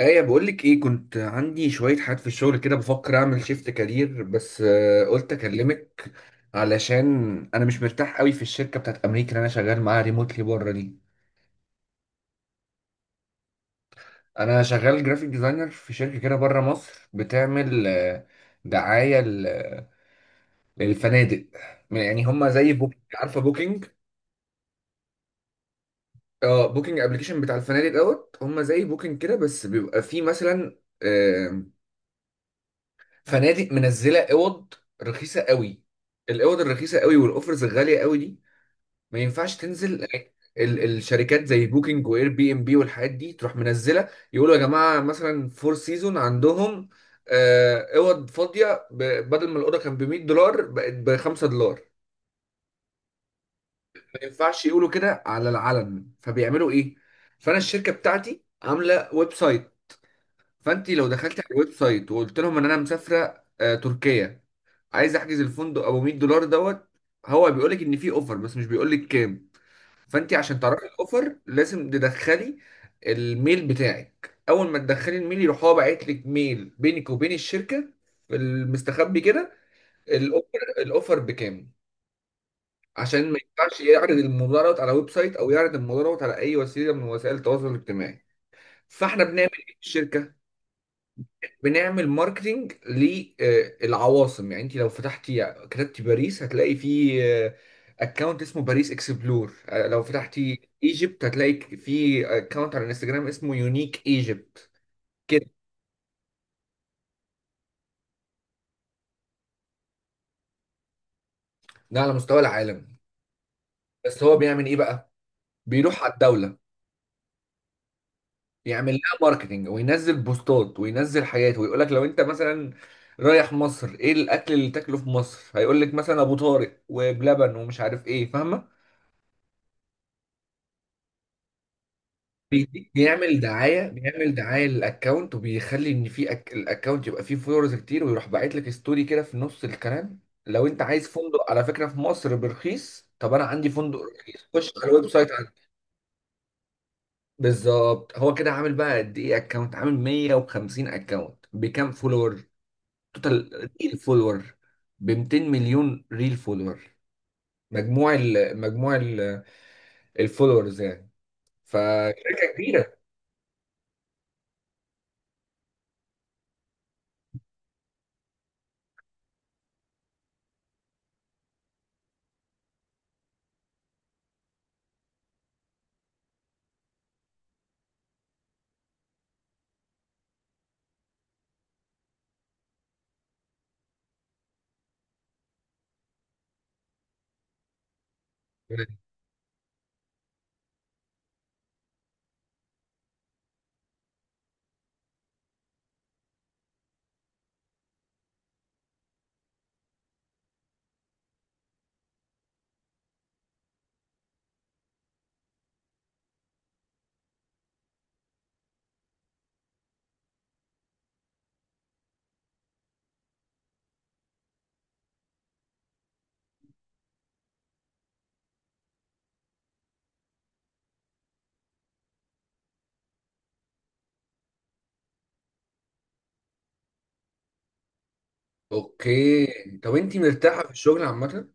ايه بقول لك ايه، كنت عندي شويه حاجات في الشغل كده، بفكر اعمل شيفت كارير بس. قلت اكلمك علشان انا مش مرتاح قوي في الشركه بتاعت امريكا اللي انا شغال معاها ريموتلي بره دي. انا شغال جرافيك ديزاينر في شركه كده بره مصر، بتعمل دعايه للفنادق. يعني هم زي بوكينج، عارفه بوكينج. اه، بوكينج ابلكيشن بتاع الفنادق. هم زي بوكينج كده، بس بيبقى فيه مثلا فنادق منزله اوض رخيصه قوي. الاوض الرخيصه قوي والاوفرز الغاليه قوي دي ما ينفعش تنزل. الشركات زي بوكينج واير بي ام بي والحاجات دي تروح منزله، يقولوا يا جماعه مثلا فور سيزون عندهم اوض فاضيه، بدل ما الاوضه كان ب $100 بقت ب $5. ما ينفعش يقولوا كده على العلن، فبيعملوا ايه؟ فانا الشركه بتاعتي عامله ويب سايت. فانت لو دخلتي على الويب سايت وقلت لهم ان انا مسافره تركيا، عايز احجز الفندق ابو $100. هو بيقول لك ان في اوفر بس مش بيقول لك كام. فانت عشان تعرفي الاوفر لازم تدخلي الميل بتاعك. اول ما تدخلي الميل يروح هو باعت لك ميل بينك وبين الشركه في المستخبي كده، الاوفر، الاوفر بكام. عشان ما ينفعش يعرض الموضوع على ويب سايت او يعرض الموضوع على اي وسيله من وسائل التواصل الاجتماعي. فاحنا بنعمل ايه في الشركه؟ بنعمل ماركتينج للعواصم. يعني انت لو فتحتي كتبتي باريس هتلاقي في اكونت اسمه باريس اكسبلور، لو فتحتي ايجيبت هتلاقي في اكونت على الانستجرام اسمه يونيك ايجيبت كده. ده على مستوى العالم. بس هو بيعمل ايه بقى؟ بيروح على الدولة، يعمل لها ماركتينج وينزل بوستات وينزل حياته، ويقول لك لو انت مثلا رايح مصر ايه الاكل اللي تاكله في مصر، هيقول لك مثلا ابو طارق وبلبن ومش عارف ايه، فاهمه؟ بيديك، بيعمل دعايه، بيعمل دعايه للاكونت، وبيخلي ان في الاكونت يبقى فيه فولورز كتير، ويروح باعت لك ستوري كده في نص الكلام: لو انت عايز فندق، على فكره، في مصر برخيص، طب انا عندي فندق رخيص، خش على الويب سايت عندي. بالظبط. هو كده عامل بقى قد ايه اكونت؟ عامل 150 اكونت بكام فولور، توتال ريل فولور؟ ب 200 مليون ريل فولور، مجموع الفولورز يعني. فشركه كبيره. اوكي، طب انت مرتاحه في الشغل عامه؟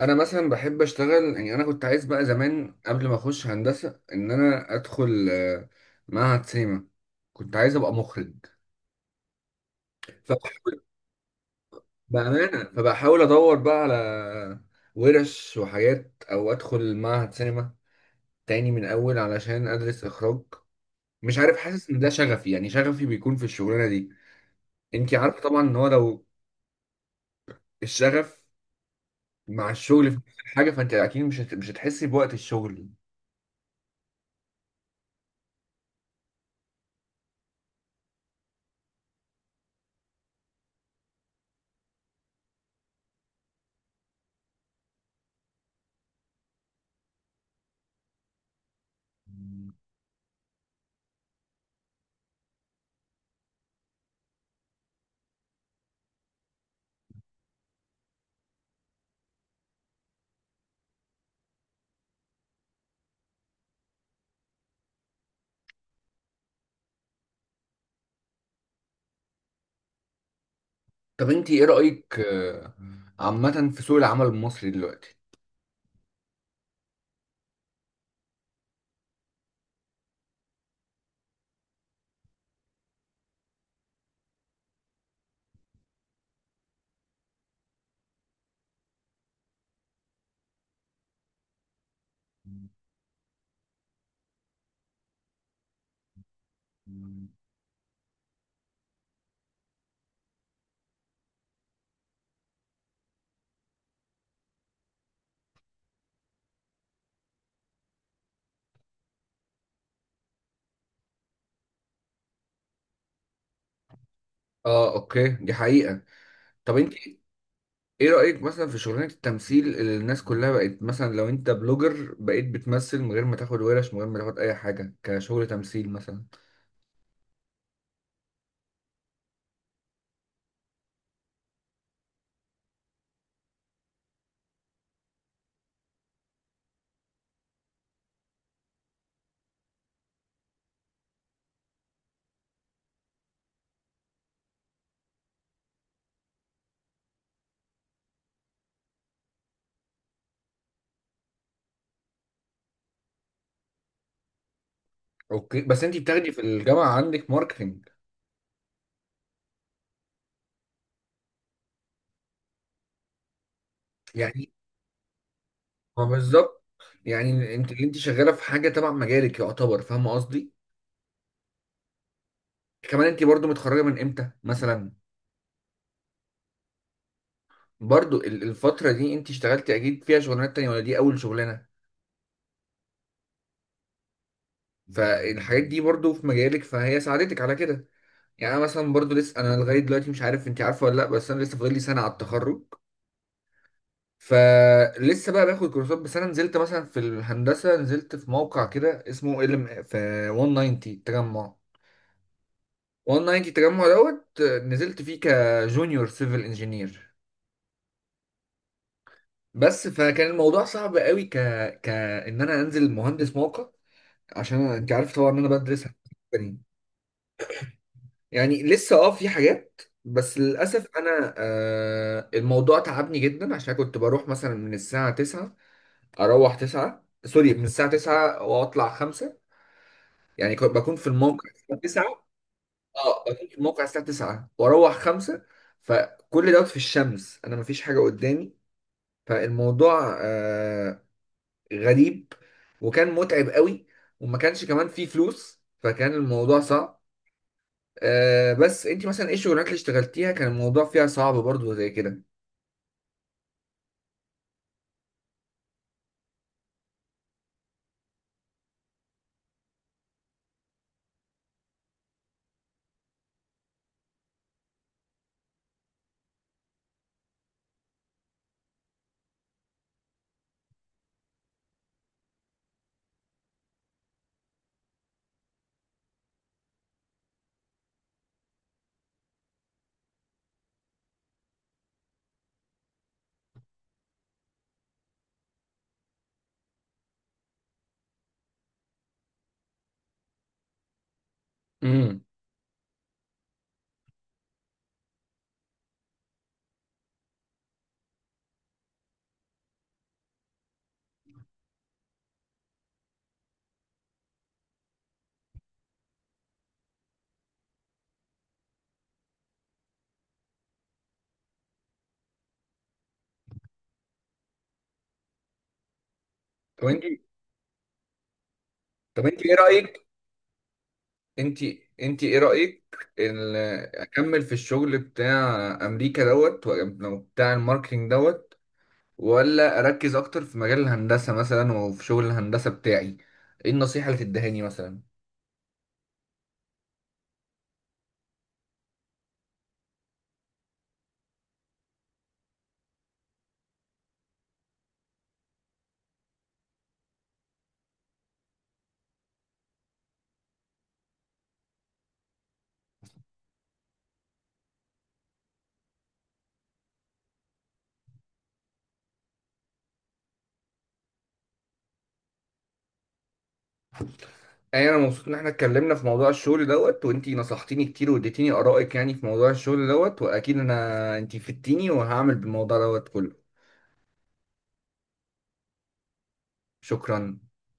انا مثلا بحب اشتغل. يعني انا كنت عايز بقى زمان قبل ما اخش هندسه ان انا ادخل معهد سينما، كنت عايز ابقى مخرج، فبحاول بامانه، فبحاول ادور بقى على ورش وحاجات، او ادخل معهد سينما تاني من اول علشان ادرس اخراج. مش عارف، حاسس ان ده شغفي، يعني شغفي بيكون في الشغلانه دي. انت عارفه طبعا ان هو لو الشغف مع الشغل في حاجه، فانت اكيد مش هتحسي بوقت الشغل. طب انت ايه رأيك عامة في سوق العمل المصري دلوقتي؟ اه اوكي، دي حقيقة. طب انت ايه رأيك مثلا في شغلانة التمثيل، اللي الناس كلها بقت مثلا لو انت بلوجر بقيت بتمثل من غير ما تاخد ورش، من غير ما تاخد اي حاجة، كشغل تمثيل مثلا؟ اوكي، بس انت بتاخدي في الجامعة عندك ماركتنج. يعني ما بالظبط، يعني انت اللي انت شغالة في حاجة تبع مجالك يعتبر، فاهمة قصدي؟ كمان انت برضو متخرجة من امتى مثلا؟ برضو الفترة دي انت اشتغلتي اكيد فيها شغلانات تانية ولا دي اول شغلانة؟ فالحاجات دي برضو في مجالك، فهي ساعدتك على كده. يعني انا مثلا برضو لسه، انا لغاية دلوقتي مش عارف انت عارفة ولا لا، بس انا لسه فاضل لي سنة على التخرج. فلسه بقى باخد كورسات. بس انا نزلت مثلا في الهندسة، نزلت في موقع كده اسمه ال في 190 تجمع، 190 تجمع. نزلت فيه كجونيور سيفل انجينير. بس فكان الموضوع صعب قوي، ك ك ان انا انزل مهندس موقع، عشان انت عارف طبعا ان انا بدرس هندسة بنين. يعني لسه، اه، في حاجات. بس للاسف انا الموضوع تعبني جدا، عشان كنت بروح مثلا من الساعه 9، اروح 9 سوري من الساعه 9 واطلع 5. يعني كنت بكون في الموقع الساعه 9. اه، بكون في الموقع الساعه 9 واروح 5. فكل في الشمس انا مفيش حاجه قدامي، فالموضوع غريب، وكان متعب قوي، وما كانش كمان فيه فلوس، فكان الموضوع صعب. آه، بس انت مثلا ايه الشغلانات اللي اشتغلتيها كان الموضوع فيها صعب برضو زي كده؟ امم، طب انت طب انت ايه رأيك انت انت ايه رأيك، ال- اكمل في الشغل بتاع امريكا، ولا بتاع الماركتينج، ولا اركز اكتر في مجال الهندسة مثلا وفي شغل الهندسة بتاعي؟ ايه النصيحة اللي تدهاني مثلا؟ اي، انا مبسوط ان احنا اتكلمنا في موضوع الشغل، وانت نصحتيني كتير واديتيني ارائك يعني في موضوع الشغل، واكيد انا انت فدتيني، وهعمل بالموضوع كله. شكرا.